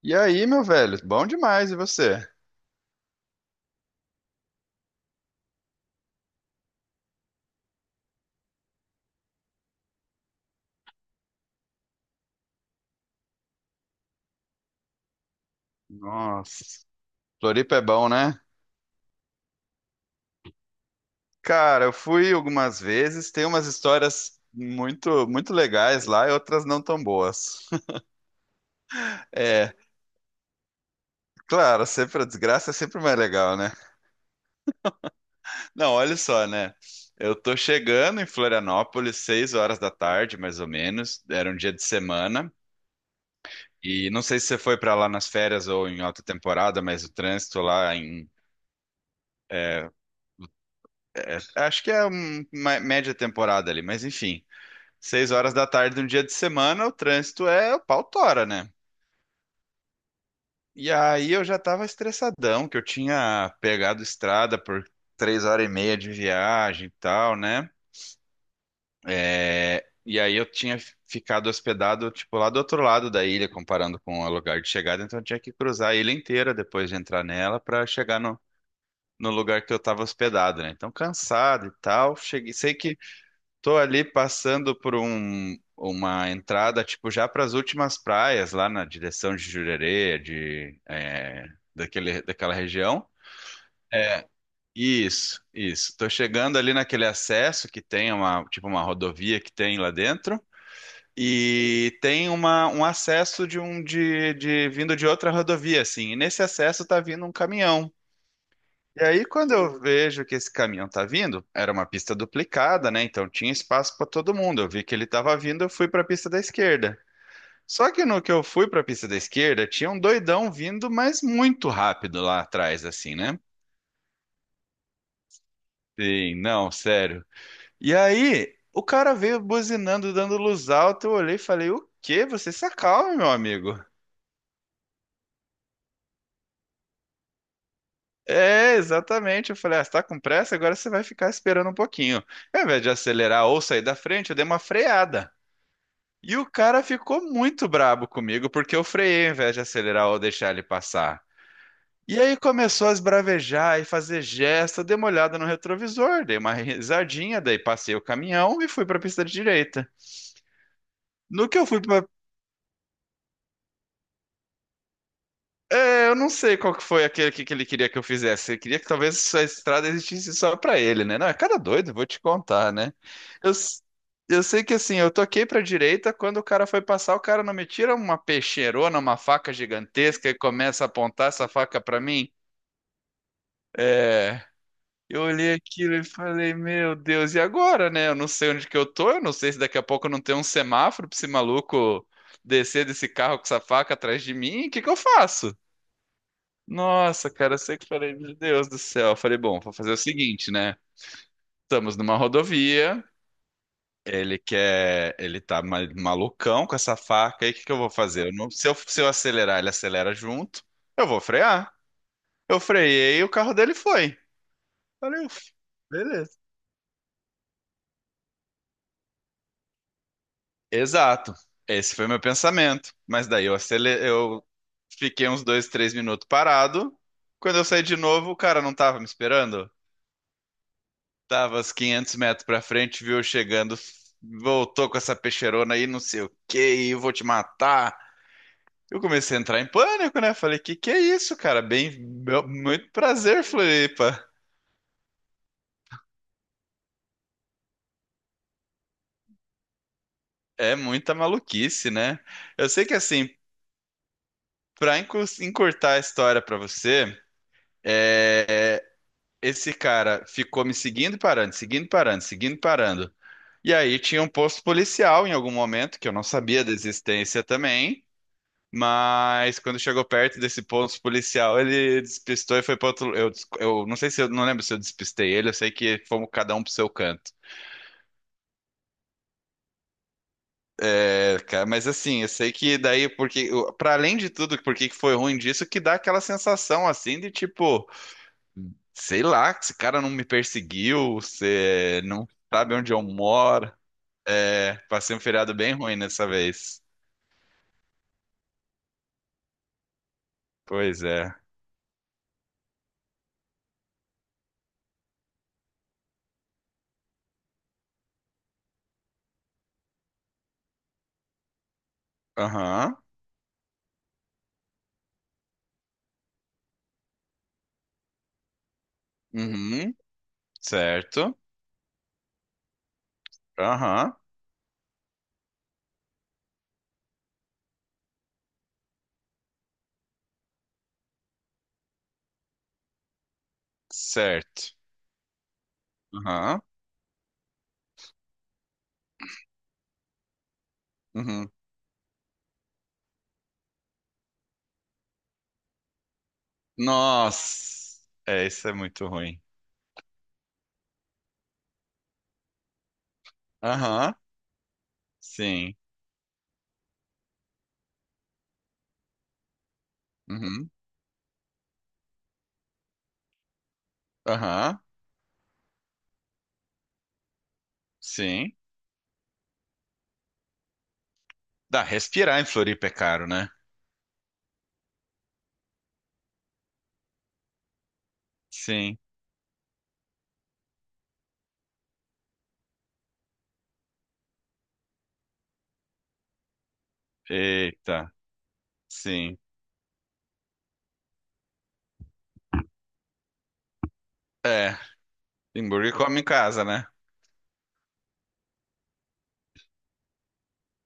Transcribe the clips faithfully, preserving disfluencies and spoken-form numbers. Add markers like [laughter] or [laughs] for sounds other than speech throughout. E aí, meu velho? Bom demais, e você? Nossa, Floripa é bom, né? Cara, eu fui algumas vezes, tem umas histórias muito, muito legais lá e outras não tão boas. [laughs] É, claro, sempre a desgraça é sempre mais legal, né? Não, olha só, né? Eu tô chegando em Florianópolis seis horas da tarde, mais ou menos. Era um dia de semana. E não sei se você foi pra lá nas férias ou em alta temporada, mas o trânsito lá em é, acho que é uma média temporada ali, mas enfim. Seis horas da tarde, num dia de semana, o trânsito é o pau tora, né? E aí eu já tava estressadão, que eu tinha pegado estrada por três horas e meia de viagem e tal, né? É, e aí eu tinha ficado hospedado, tipo, lá do outro lado da ilha, comparando com o lugar de chegada, então eu tinha que cruzar a ilha inteira depois de entrar nela pra chegar no, no lugar que eu tava hospedado, né? Então cansado e tal, cheguei, sei que tô ali passando por um, uma entrada, tipo, já para as últimas praias, lá na direção de Jurerê, de, é, daquele, daquela região. É, isso, isso. Tô chegando ali naquele acesso que tem uma, tipo, uma rodovia que tem lá dentro. E tem uma, um acesso de um de, de vindo de outra rodovia, assim. E nesse acesso tá vindo um caminhão. E aí, quando eu vejo que esse caminhão tá vindo, era uma pista duplicada, né? Então tinha espaço para todo mundo. Eu vi que ele tava vindo, eu fui para a pista da esquerda. Só que no que eu fui para a pista da esquerda, tinha um doidão vindo, mas muito rápido lá atrás, assim, né? Sim, não, sério. E aí, o cara veio buzinando, dando luz alta. Eu olhei e falei: "O quê? Você se acalma, meu amigo." É, exatamente. Eu falei, ah, você tá com pressa? Agora você vai ficar esperando um pouquinho. Ao invés de acelerar ou sair da frente, eu dei uma freada. E o cara ficou muito brabo comigo porque eu freiei ao invés de acelerar ou deixar ele passar. E aí começou a esbravejar e fazer gesto, eu dei uma olhada no retrovisor, dei uma risadinha, daí passei o caminhão e fui para a pista de direita. No que eu fui é, eu não sei qual que foi aquele que, que ele queria que eu fizesse. Ele queria que talvez essa estrada existisse só pra ele, né? Não, é cada doido, vou te contar, né? Eu, s- eu sei que assim, eu toquei pra direita, quando o cara foi passar, o cara não me tira uma peixeirona, uma faca gigantesca e começa a apontar essa faca pra mim. É, eu olhei aquilo e falei, meu Deus, e agora, né? Eu não sei onde que eu tô, eu não sei se daqui a pouco não tem um semáforo pra esse maluco descer desse carro com essa faca atrás de mim, o que que eu faço? Nossa, cara, eu sei que eu falei, meu Deus do céu. Eu falei, bom, vou fazer o seguinte, né? Estamos numa rodovia, ele quer, ele tá ma- malucão com essa faca, aí o que que eu vou fazer? Eu não- Se eu, se eu acelerar, ele acelera junto, eu vou frear. Eu freiei e o carro dele foi. Falei: "Uf, beleza." Exato. Esse foi meu pensamento. Mas daí eu acele- eu fiquei uns dois, três minutos parado. Quando eu saí de novo, o cara não tava me esperando. Tava uns quinhentos metros pra frente, viu eu chegando, voltou com essa peixeirona aí, não sei o que, eu vou te matar. Eu comecei a entrar em pânico, né? Falei, que que é isso, cara? Bem, meu- muito prazer, Floripa. É muita maluquice, né? Eu sei que assim, pra encu- encurtar a história pra você, é, é, esse cara ficou me seguindo e parando, seguindo e parando, seguindo e parando. E aí tinha um posto policial em algum momento, que eu não sabia da existência também. Mas quando chegou perto desse posto policial, ele despistou e foi para outro. Eu, des- eu não sei se eu não lembro se eu despistei ele, eu sei que fomos cada um pro seu canto. É, cara, mas assim, eu sei que daí, porque, para além de tudo, porque que que foi ruim disso, que dá aquela sensação assim de tipo, sei lá, esse cara não me perseguiu, você não sabe onde eu moro. É, passei um feriado bem ruim nessa vez. Pois é. Aham. Uhum. Certo. Aham. Certo. Aham. Uhum. Nossa, é, isso é muito ruim. Aham, sim. Uhum. Aham, sim. Dá, respirar em Floripa é caro, né? Sim. Eita, sim. É, hambúrguer come em casa, né?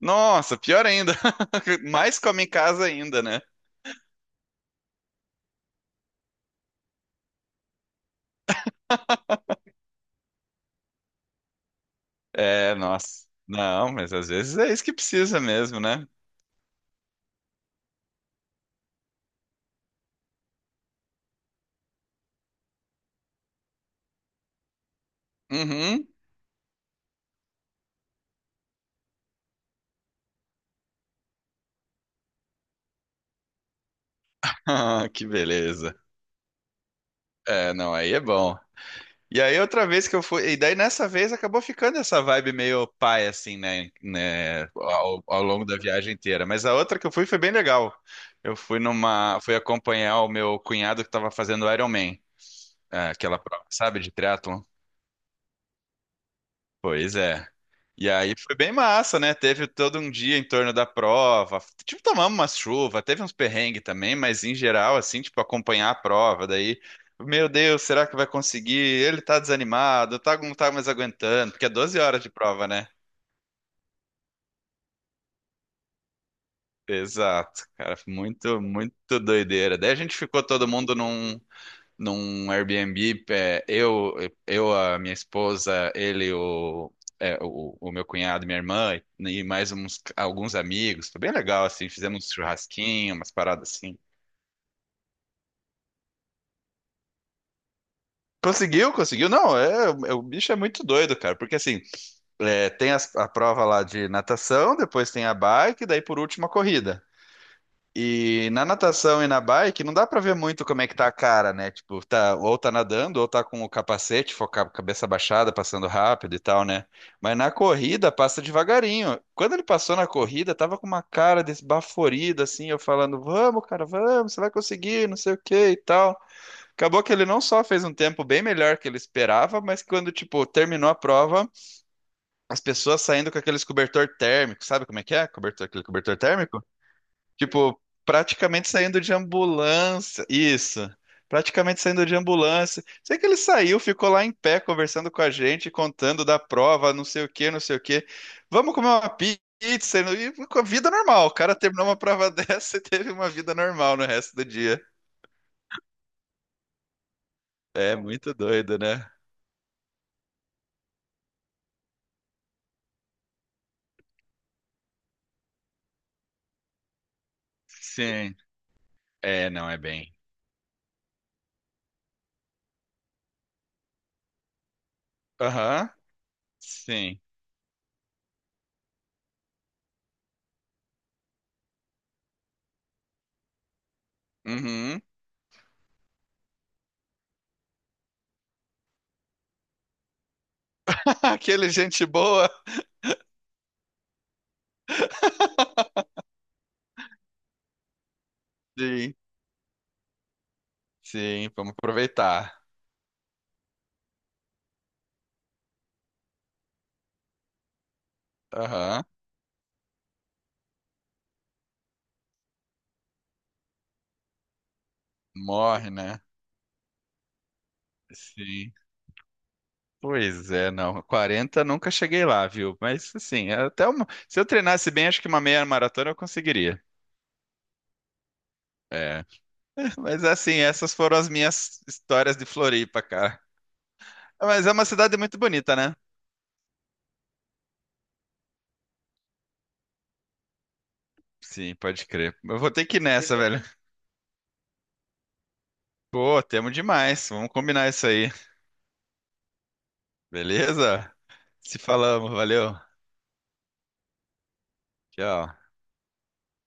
Nossa, pior ainda. [laughs] Mais come em casa ainda, né? É, nossa. Não, mas às vezes é isso que precisa mesmo, né? Uhum. [laughs] Ah, que beleza. É, não, aí é bom. E aí outra vez que eu fui, e daí nessa vez acabou ficando essa vibe meio pai assim, né, né, ao, ao longo da viagem inteira. Mas a outra que eu fui foi bem legal. Eu fui numa, fui acompanhar o meu cunhado que estava fazendo Ironman, é, aquela prova, sabe, de triatlon. Pois é. E aí foi bem massa, né? Teve todo um dia em torno da prova. Tipo, tomamos uma chuva, teve uns perrengues também, mas em geral, assim, tipo, acompanhar a prova. Daí, meu Deus, será que vai conseguir? Ele tá desanimado, tá, não tá mais aguentando, porque é doze horas de prova, né? Exato, cara, muito, muito doideira. Daí a gente ficou todo mundo num. Num Airbnb, é, eu, eu, a minha esposa, ele, o, é, o, o meu cunhado, minha irmã e mais uns, alguns amigos. Foi bem legal, assim, fizemos um churrasquinho, umas paradas assim. Conseguiu, conseguiu. Não, é, é, o bicho é muito doido, cara, porque assim, é, tem as- a prova lá de natação, depois tem a bike, daí por último a corrida. E na natação e na bike não dá pra ver muito como é que tá a cara, né? Tipo, tá ou tá nadando ou tá com o capacete, foca- cabeça baixada, passando rápido e tal, né? Mas na corrida passa devagarinho. Quando ele passou na corrida, tava com uma cara desbaforida assim, eu falando: "Vamos, cara, vamos, você vai conseguir, não sei o que e tal." Acabou que ele não só fez um tempo bem melhor que ele esperava, mas quando, tipo, terminou a prova, as pessoas saindo com aqueles cobertor térmico, sabe como é que é? Cobertor, aquele cobertor térmico? Tipo, praticamente saindo de ambulância. Isso. Praticamente saindo de ambulância. Sei que ele saiu, ficou lá em pé conversando com a gente, contando da prova, não sei o quê, não sei o quê. Vamos comer uma pizza. E com a vida normal. O cara terminou uma prova [laughs] dessa e teve uma vida normal no resto do dia. É muito doido, né? Sim. É, não é bem. Aham. Sim. Uhum. [laughs] Aquele gente boa. Sim. Sim, vamos aproveitar. Aham. Morre, né? Sim. Pois é, não. Quarenta nunca cheguei lá, viu? Mas assim, até uma... Se eu treinasse bem, acho que uma meia maratona eu conseguiria. É. [laughs] Mas assim, essas foram as minhas histórias de Floripa, cara. Mas é uma cidade muito bonita, né? Sim, pode crer. Eu vou ter que ir nessa, velho. Pô, temos demais. Vamos combinar isso aí. Beleza? Se falamos, valeu. Tchau.